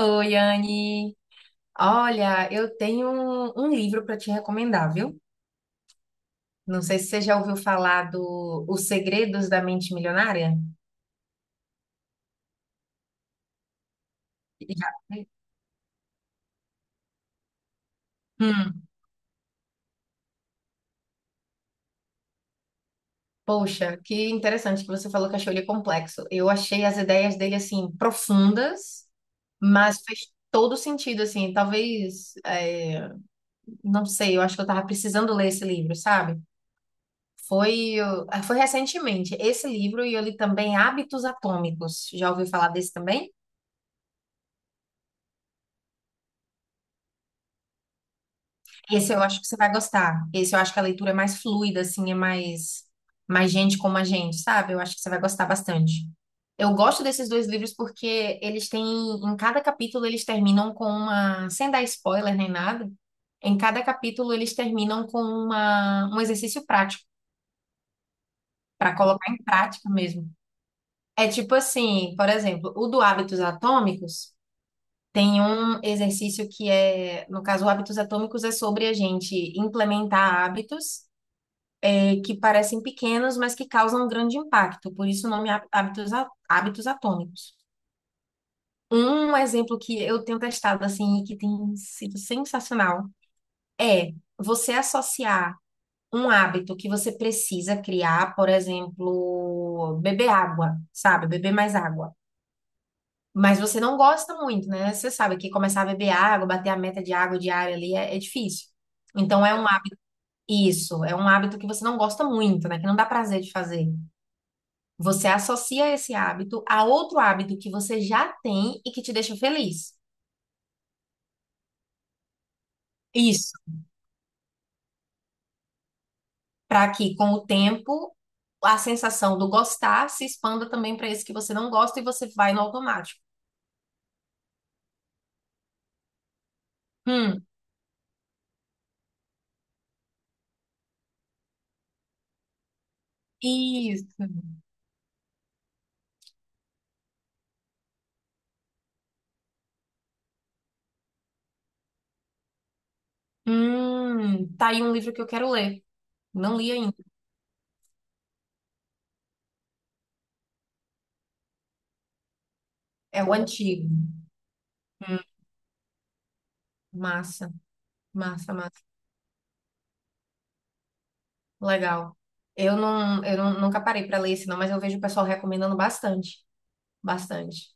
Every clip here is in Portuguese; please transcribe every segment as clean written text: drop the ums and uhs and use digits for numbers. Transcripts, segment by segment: Oi, Anne. Olha, eu tenho um livro para te recomendar, viu? Não sei se você já ouviu falar do Os Segredos da Mente Milionária. Já. Hum, poxa, que interessante que você falou que achou ele complexo. Eu achei as ideias dele assim profundas, mas fez todo sentido assim. Talvez, não sei, eu acho que eu tava precisando ler esse livro, sabe? Foi, foi recentemente esse livro e eu li também Hábitos Atômicos. Já ouviu falar desse também? Esse eu acho que você vai gostar. Esse eu acho que a leitura é mais fluida, assim, é mais gente como a gente, sabe? Eu acho que você vai gostar bastante. Eu gosto desses dois livros porque eles têm, em cada capítulo eles terminam com uma, sem dar spoiler nem nada, em cada capítulo eles terminam com um exercício prático, para colocar em prática mesmo. É tipo assim, por exemplo, o do Hábitos Atômicos tem um exercício que é, no caso, o Hábitos Atômicos é sobre a gente implementar hábitos que parecem pequenos, mas que causam um grande impacto, por isso o nome hábitos atômicos. Um exemplo que eu tenho testado assim e que tem sido sensacional é você associar um hábito que você precisa criar, por exemplo, beber água, sabe? Beber mais água. Mas você não gosta muito, né? Você sabe que começar a beber água, bater a meta de água diária ali é difícil. Então é um hábito, isso, é um hábito que você não gosta muito, né? Que não dá prazer de fazer. Você associa esse hábito a outro hábito que você já tem e que te deixa feliz. Isso. Para que, com o tempo, a sensação do gostar se expanda também para esse que você não gosta e você vai no automático. Hum, isso. Tá aí um livro que eu quero ler. Não li ainda. É o antigo. Hum, massa, massa, massa. Legal. Eu não- Nunca parei para ler esse não, mas eu vejo o pessoal recomendando bastante, bastante.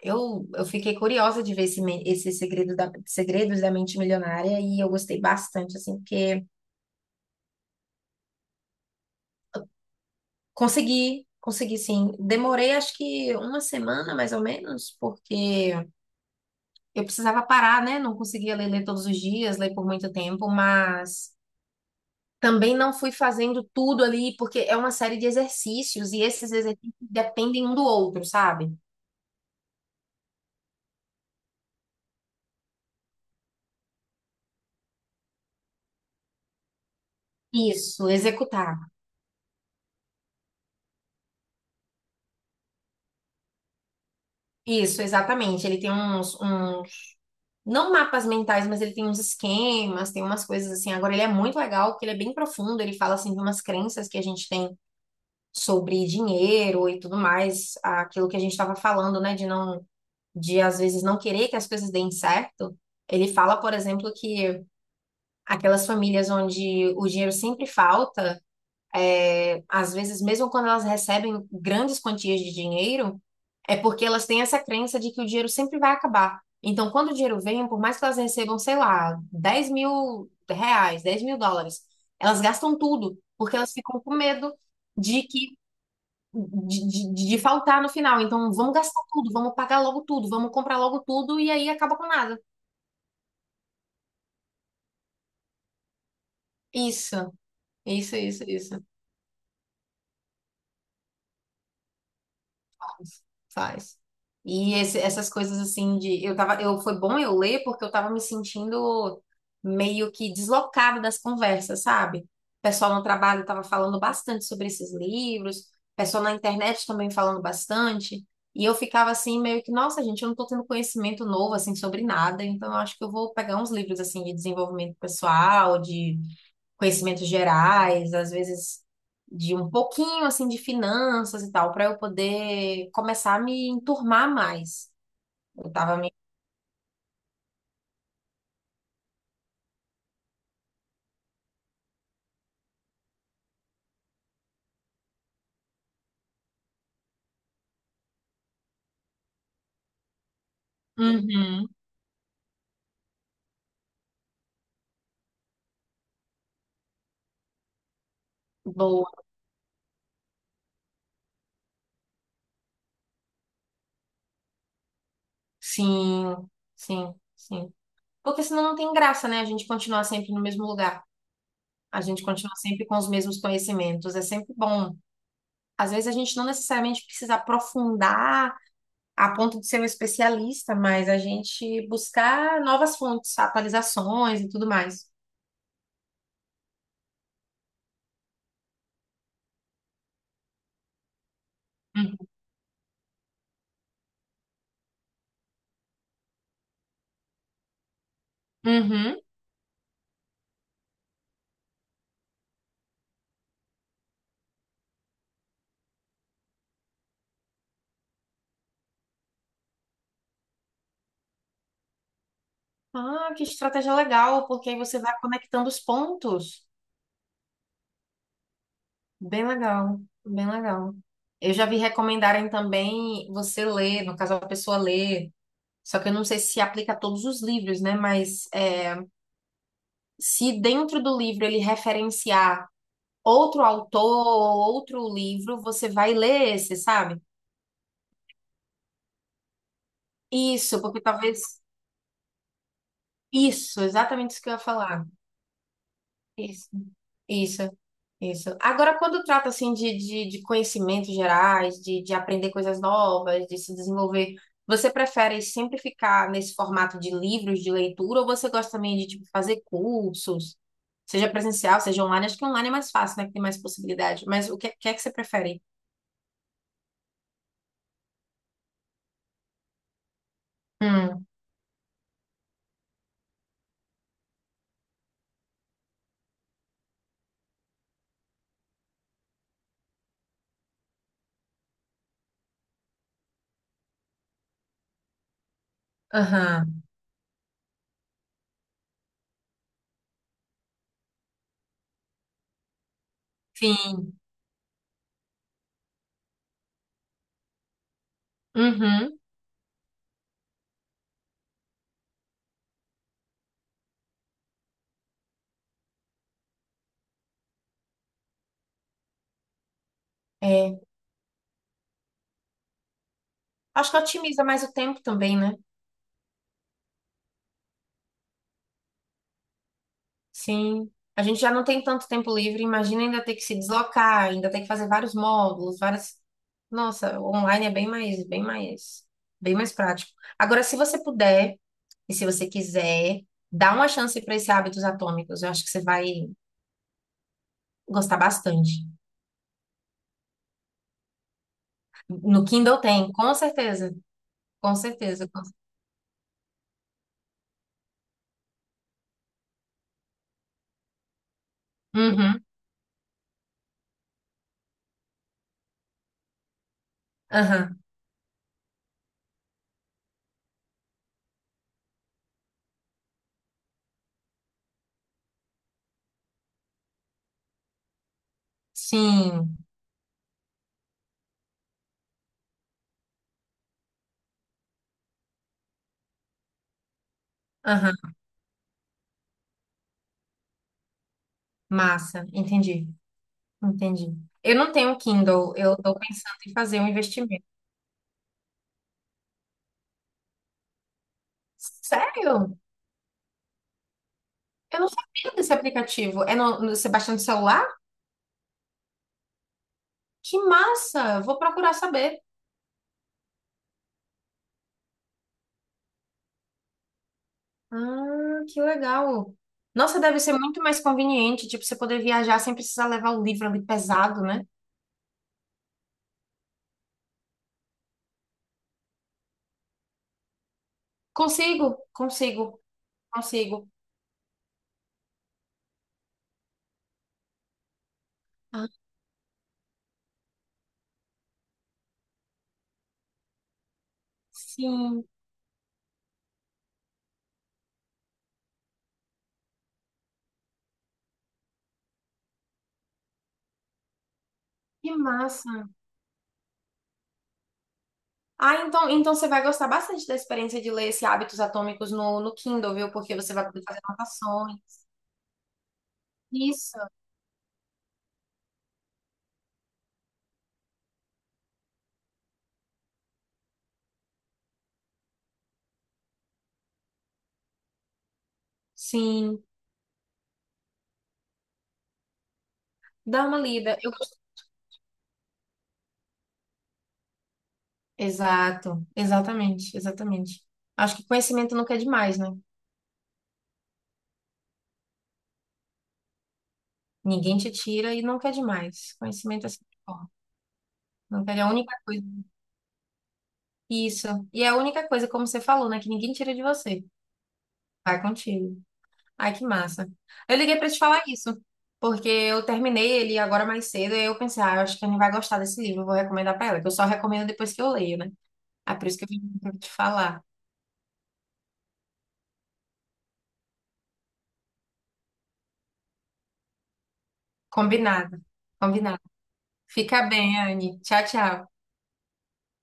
Eu fiquei curiosa de ver esse Segredos da Mente Milionária e eu gostei bastante, assim, porque consegui, consegui sim. Demorei acho que uma semana, mais ou menos, porque eu precisava parar, né? Não conseguia ler todos os dias, ler por muito tempo, mas também não fui fazendo tudo ali, porque é uma série de exercícios e esses exercícios dependem um do outro, sabe? Isso, executar. Isso, exatamente. Ele tem uns não mapas mentais, mas ele tem uns esquemas, tem umas coisas assim. Agora, ele é muito legal, porque ele é bem profundo, ele fala assim de umas crenças que a gente tem sobre dinheiro e tudo mais, aquilo que a gente estava falando, né, de não, de às vezes não querer que as coisas deem certo. Ele fala, por exemplo, que aquelas famílias onde o dinheiro sempre falta é, às vezes, mesmo quando elas recebem grandes quantias de dinheiro, é porque elas têm essa crença de que o dinheiro sempre vai acabar. Então, quando o dinheiro vem, por mais que elas recebam, sei lá, R$ 10.000, US$ 10.000, elas gastam tudo, porque elas ficam com medo de que de faltar no final. Então, vamos gastar tudo, vamos pagar logo tudo, vamos comprar logo tudo e aí acaba com nada. Isso, isso, isso, isso. Faz. E essas coisas assim de eu tava, eu foi bom eu ler porque eu tava me sentindo meio que deslocada das conversas, sabe? O pessoal no trabalho tava falando bastante sobre esses livros, o pessoal na internet também falando bastante, e eu ficava assim meio que, nossa, gente, eu não tô tendo conhecimento novo assim sobre nada, então eu acho que eu vou pegar uns livros assim de desenvolvimento pessoal, de conhecimentos gerais, às vezes de um pouquinho assim de finanças e tal, para eu poder começar a me enturmar mais. Eu tava meio. Uhum. Boa. Sim, sim, sim. Porque senão não tem graça, né? A gente continuar sempre no mesmo lugar. A gente continua sempre com os mesmos conhecimentos. É sempre bom. Às vezes a gente não necessariamente precisa aprofundar a ponto de ser um especialista, mas a gente buscar novas fontes, atualizações e tudo mais. Uhum. Ah, que estratégia legal, porque aí você vai conectando os pontos. Bem legal, bem legal. Eu já vi recomendarem também você ler, no caso a pessoa ler, só que eu não sei se aplica a todos os livros, né? Mas é, se dentro do livro ele referenciar outro autor ou outro livro, você vai ler esse, sabe? Isso, porque talvez. Isso, exatamente isso que eu ia falar. Isso, isso, isso. Agora, quando trata assim de conhecimentos gerais, de aprender coisas novas, de se desenvolver, você prefere sempre ficar nesse formato de livros de leitura ou você gosta também de tipo, fazer cursos, seja presencial, seja online? Acho que online é mais fácil, né? Que tem mais possibilidade. Mas o que, que é que você prefere? Hum, aham, sim, uhum, é. Acho que otimiza mais o tempo também, né? Sim. A gente já não tem tanto tempo livre, imagina ainda ter que se deslocar, ainda ter que fazer vários módulos, várias. Nossa, o online é bem mais, bem mais, bem mais prático. Agora, se você puder e se você quiser, dá uma chance para esse Hábitos Atômicos. Eu acho que você vai gostar bastante. No Kindle tem, com certeza, com certeza. Uhum, aham, sim, aham, massa, entendi, entendi. Eu não tenho Kindle, eu estou pensando em fazer um investimento. Sério? Eu não sabia desse aplicativo. Você baixa no celular? Que massa! Vou procurar saber. Ah, que legal. Nossa, deve ser muito mais conveniente, tipo, você poder viajar sem precisar levar o livro ali pesado, né? Consigo, consigo, consigo. Ah, sim, que massa. Ah, então você vai gostar bastante da experiência de ler esse Hábitos Atômicos no Kindle, viu? Porque você vai poder fazer anotações. Isso. Sim, dá uma lida. Eu Exato, exatamente, exatamente. Acho que conhecimento nunca é demais, né? Ninguém te tira e nunca é demais. Conhecimento é sempre bom. Nunca é a única coisa. Isso. E é a única coisa, como você falou, né? Que ninguém tira de você. Vai contigo. Ai, que massa. Eu liguei pra te falar isso, porque eu terminei ele agora mais cedo e eu pensei, ah, eu acho que a Anne vai gostar desse livro, eu vou recomendar pra ela, que eu só recomendo depois que eu leio, né? Ah, por isso que eu vim pra te falar. Combinado, combinado. Fica bem, Anne. Tchau, tchau.